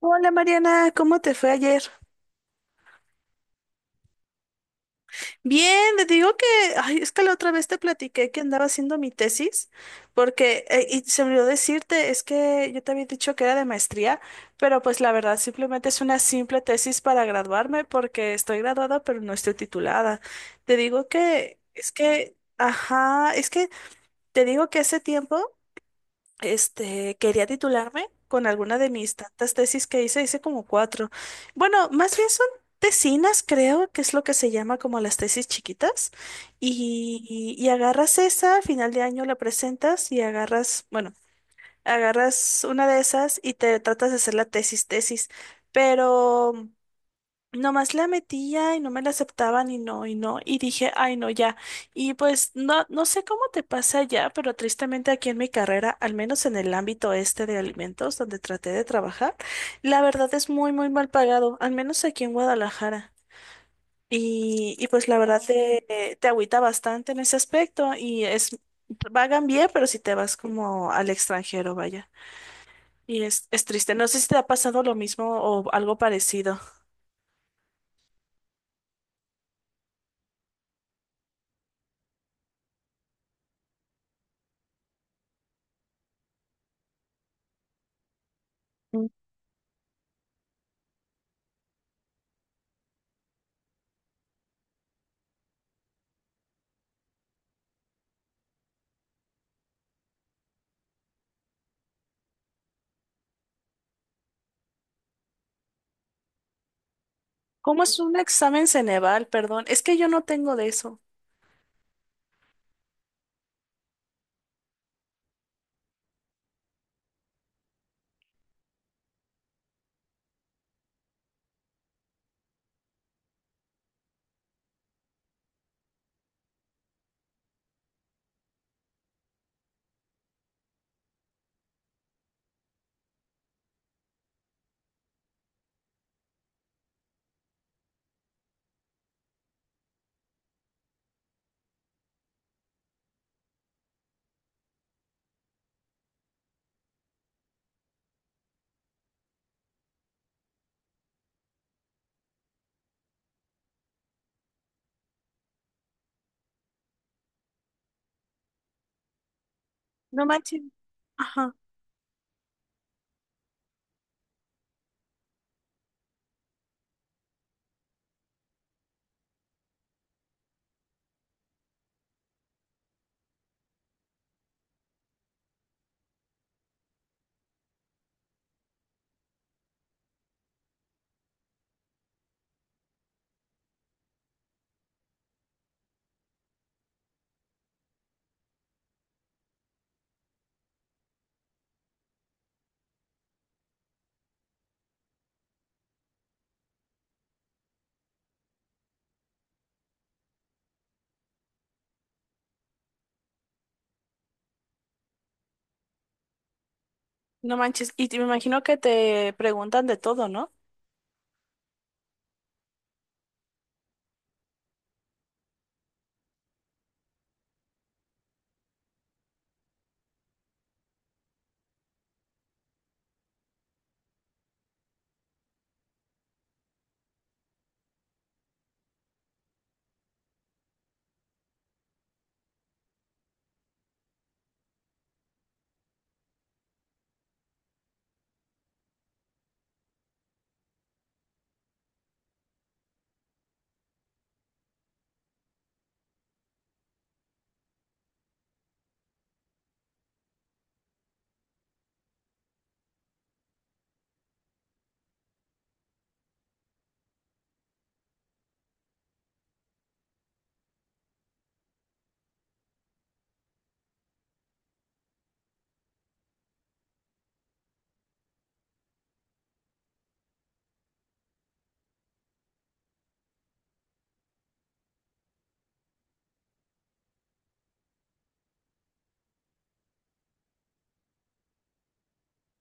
Hola Mariana, ¿cómo te fue ayer? Bien, te digo que, ay, es que la otra vez te platiqué que andaba haciendo mi tesis, porque, y se me olvidó decirte, es que yo te había dicho que era de maestría, pero pues la verdad simplemente es una simple tesis para graduarme, porque estoy graduada pero no estoy titulada. Te digo que, es que, ajá, es que te digo que hace tiempo. Quería titularme con alguna de mis tantas tesis que hice como cuatro. Bueno, más bien son tesinas, creo, que es lo que se llama como las tesis chiquitas. Y agarras esa, a final de año la presentas y agarras, bueno, agarras una de esas y te tratas de hacer la tesis, tesis. Pero nomás la metía y no me la aceptaban y no, y dije, ay, no, ya. Y pues no, no sé cómo te pasa ya, pero tristemente aquí en mi carrera, al menos en el ámbito este de alimentos donde traté de trabajar, la verdad es muy, muy mal pagado, al menos aquí en Guadalajara. Y pues la verdad te agüita bastante en ese aspecto pagan bien, pero si te vas como al extranjero, vaya. Y es triste. No sé si te ha pasado lo mismo o algo parecido. ¿Cómo es un examen Ceneval? Perdón, es que yo no tengo de eso. No manches. Ajá, no manches. Y me imagino que te preguntan de todo, ¿no?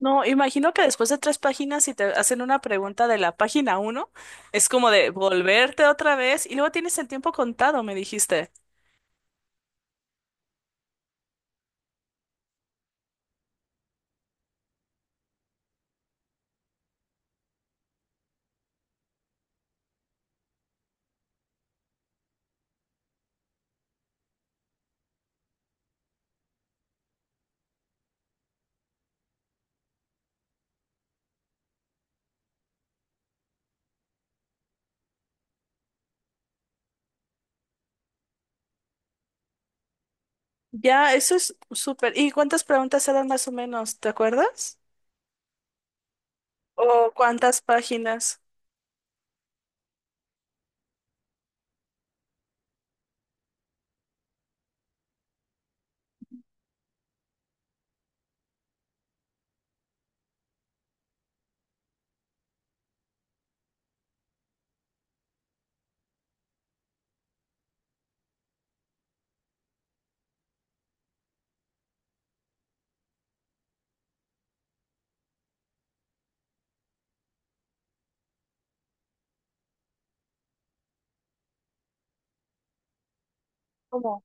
No, imagino que después de tres páginas, si te hacen una pregunta de la página uno, es como de volverte otra vez y luego tienes el tiempo contado, me dijiste. Ya, eso es súper. ¿Y cuántas preguntas eran más o menos? ¿Te acuerdas? ¿O cuántas páginas? ¿Cómo?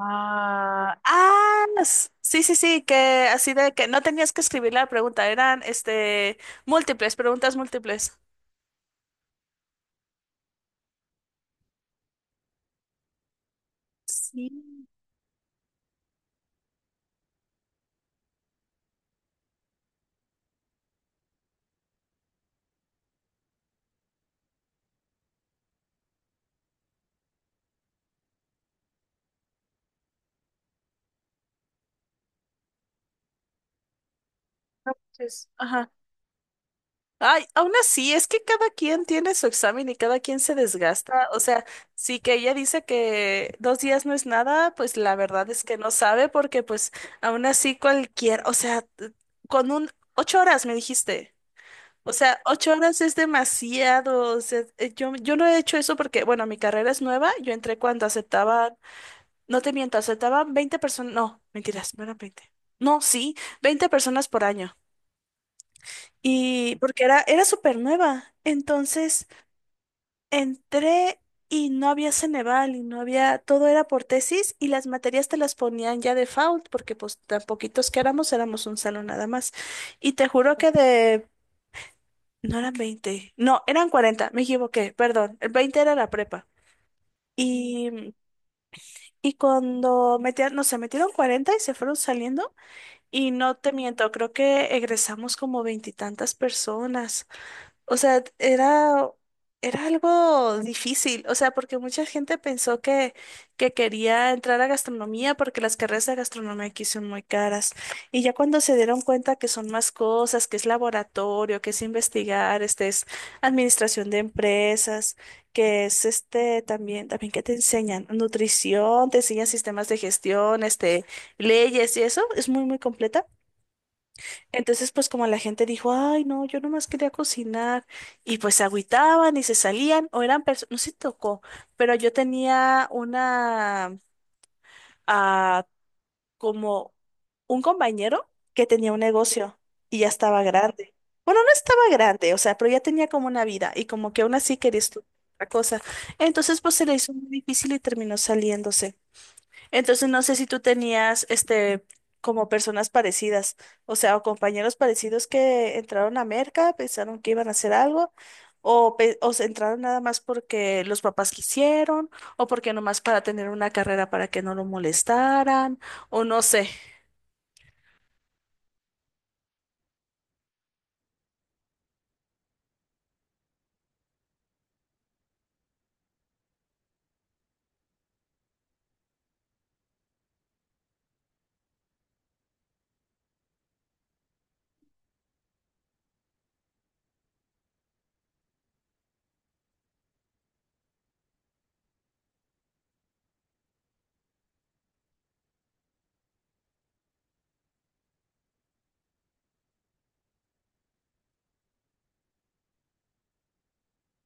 Ah, ah, sí, sí, sí, que así de que no tenías que escribir la pregunta, eran múltiples, preguntas múltiples. Sí, no manches. Ajá. Ay, aún así, es que cada quien tiene su examen y cada quien se desgasta. O sea, sí que ella dice que 2 días no es nada, pues la verdad es que no sabe porque pues aún así cualquier, o sea, con un 8 horas me dijiste. O sea, 8 horas es demasiado. O sea, yo no he hecho eso porque, bueno, mi carrera es nueva. Yo entré cuando aceptaban, no te miento, aceptaban 20 personas. No, mentiras, no eran 20. No, sí, 20 personas por año. Y porque era súper nueva. Entonces, entré y no había Ceneval y no había, todo era por tesis y las materias te las ponían ya default porque pues tan poquitos que éramos, éramos un salón nada más. Y te juro que de No eran 20, no, eran 40. Me equivoqué, perdón. El 20 era la prepa. Y, mm, y cuando metían, no sé, metieron 40 y se fueron saliendo. Y no te miento, creo que egresamos como veintitantas personas. O sea, era algo difícil, o sea, porque mucha gente pensó que quería entrar a gastronomía porque las carreras de gastronomía aquí son muy caras. Y ya cuando se dieron cuenta que son más cosas, que es laboratorio, que es investigar, este es administración de empresas, que es también que te enseñan nutrición, te enseñan sistemas de gestión, leyes y eso, es muy, muy completa. Entonces, pues como la gente dijo, ay, no, yo nomás quería cocinar, y pues se agüitaban y se salían, o eran personas, no sé si tocó, pero yo tenía ah, como un compañero que tenía un negocio y ya estaba grande. Bueno, no estaba grande, o sea, pero ya tenía como una vida y como que aún así quería estudiar otra cosa. Entonces, pues se le hizo muy difícil y terminó saliéndose. Entonces no sé si tú tenías como personas parecidas, o sea, o compañeros parecidos que entraron a Merca, pensaron que iban a hacer algo, o se entraron nada más porque los papás quisieron, o porque nomás para tener una carrera para que no lo molestaran, o no sé.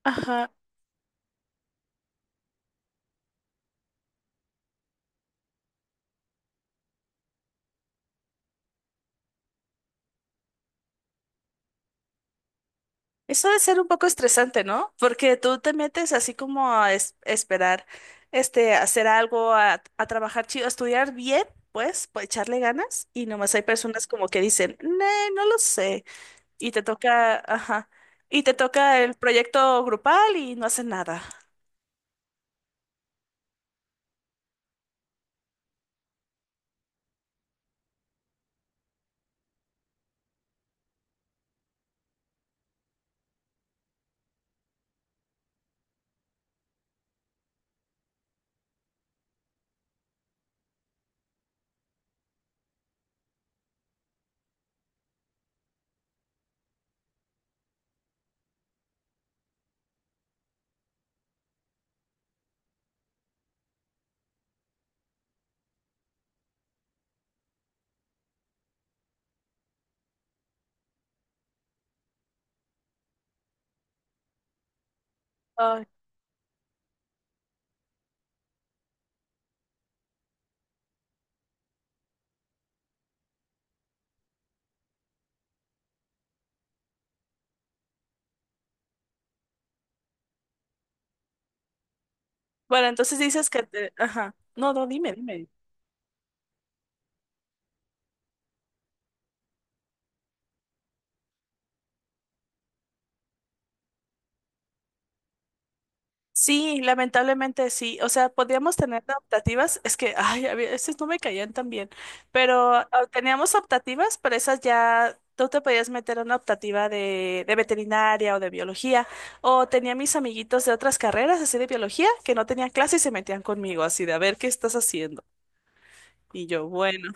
Ajá. Eso debe ser un poco estresante, ¿no? Porque tú te metes así como a esperar, hacer algo, a trabajar chido, a estudiar bien, pues, pues echarle ganas. Y nomás hay personas como que dicen, no, no lo sé. Y te toca, ajá, y te toca el proyecto grupal y no hacen nada. Ay, bueno, entonces dices ajá, no, no, dime, dime. Sí, lamentablemente sí. O sea, podíamos tener optativas. Es que, ay, a veces no me caían tan bien. Pero teníamos optativas, pero esas ya tú te podías meter a una optativa de veterinaria o de biología. O tenía mis amiguitos de otras carreras, así de biología, que no tenían clase y se metían conmigo, así de a ver qué estás haciendo. Y yo, bueno,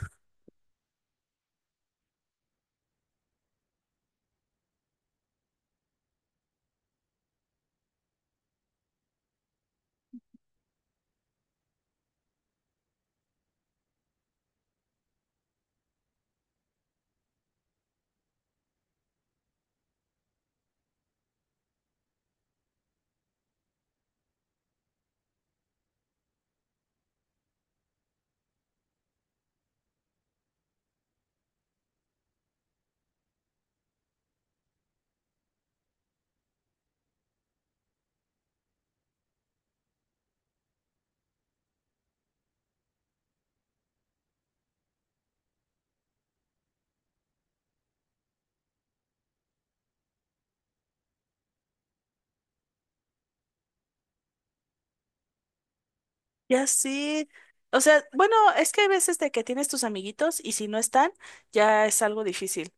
ya sí. O sea, bueno, es que hay veces de que tienes tus amiguitos y si no están, ya es algo difícil.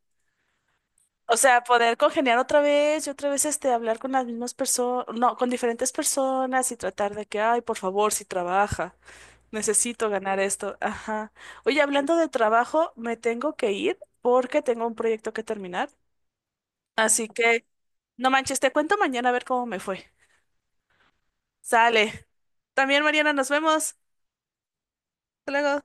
O sea, poder congeniar otra vez y otra vez hablar con las mismas personas, no, con diferentes personas y tratar de que, ay, por favor, si trabaja, necesito ganar esto. Ajá. Oye, hablando de trabajo, me tengo que ir porque tengo un proyecto que terminar. Así que, no manches, te cuento mañana a ver cómo me fue. Sale. También, Mariana, nos vemos. Hasta luego.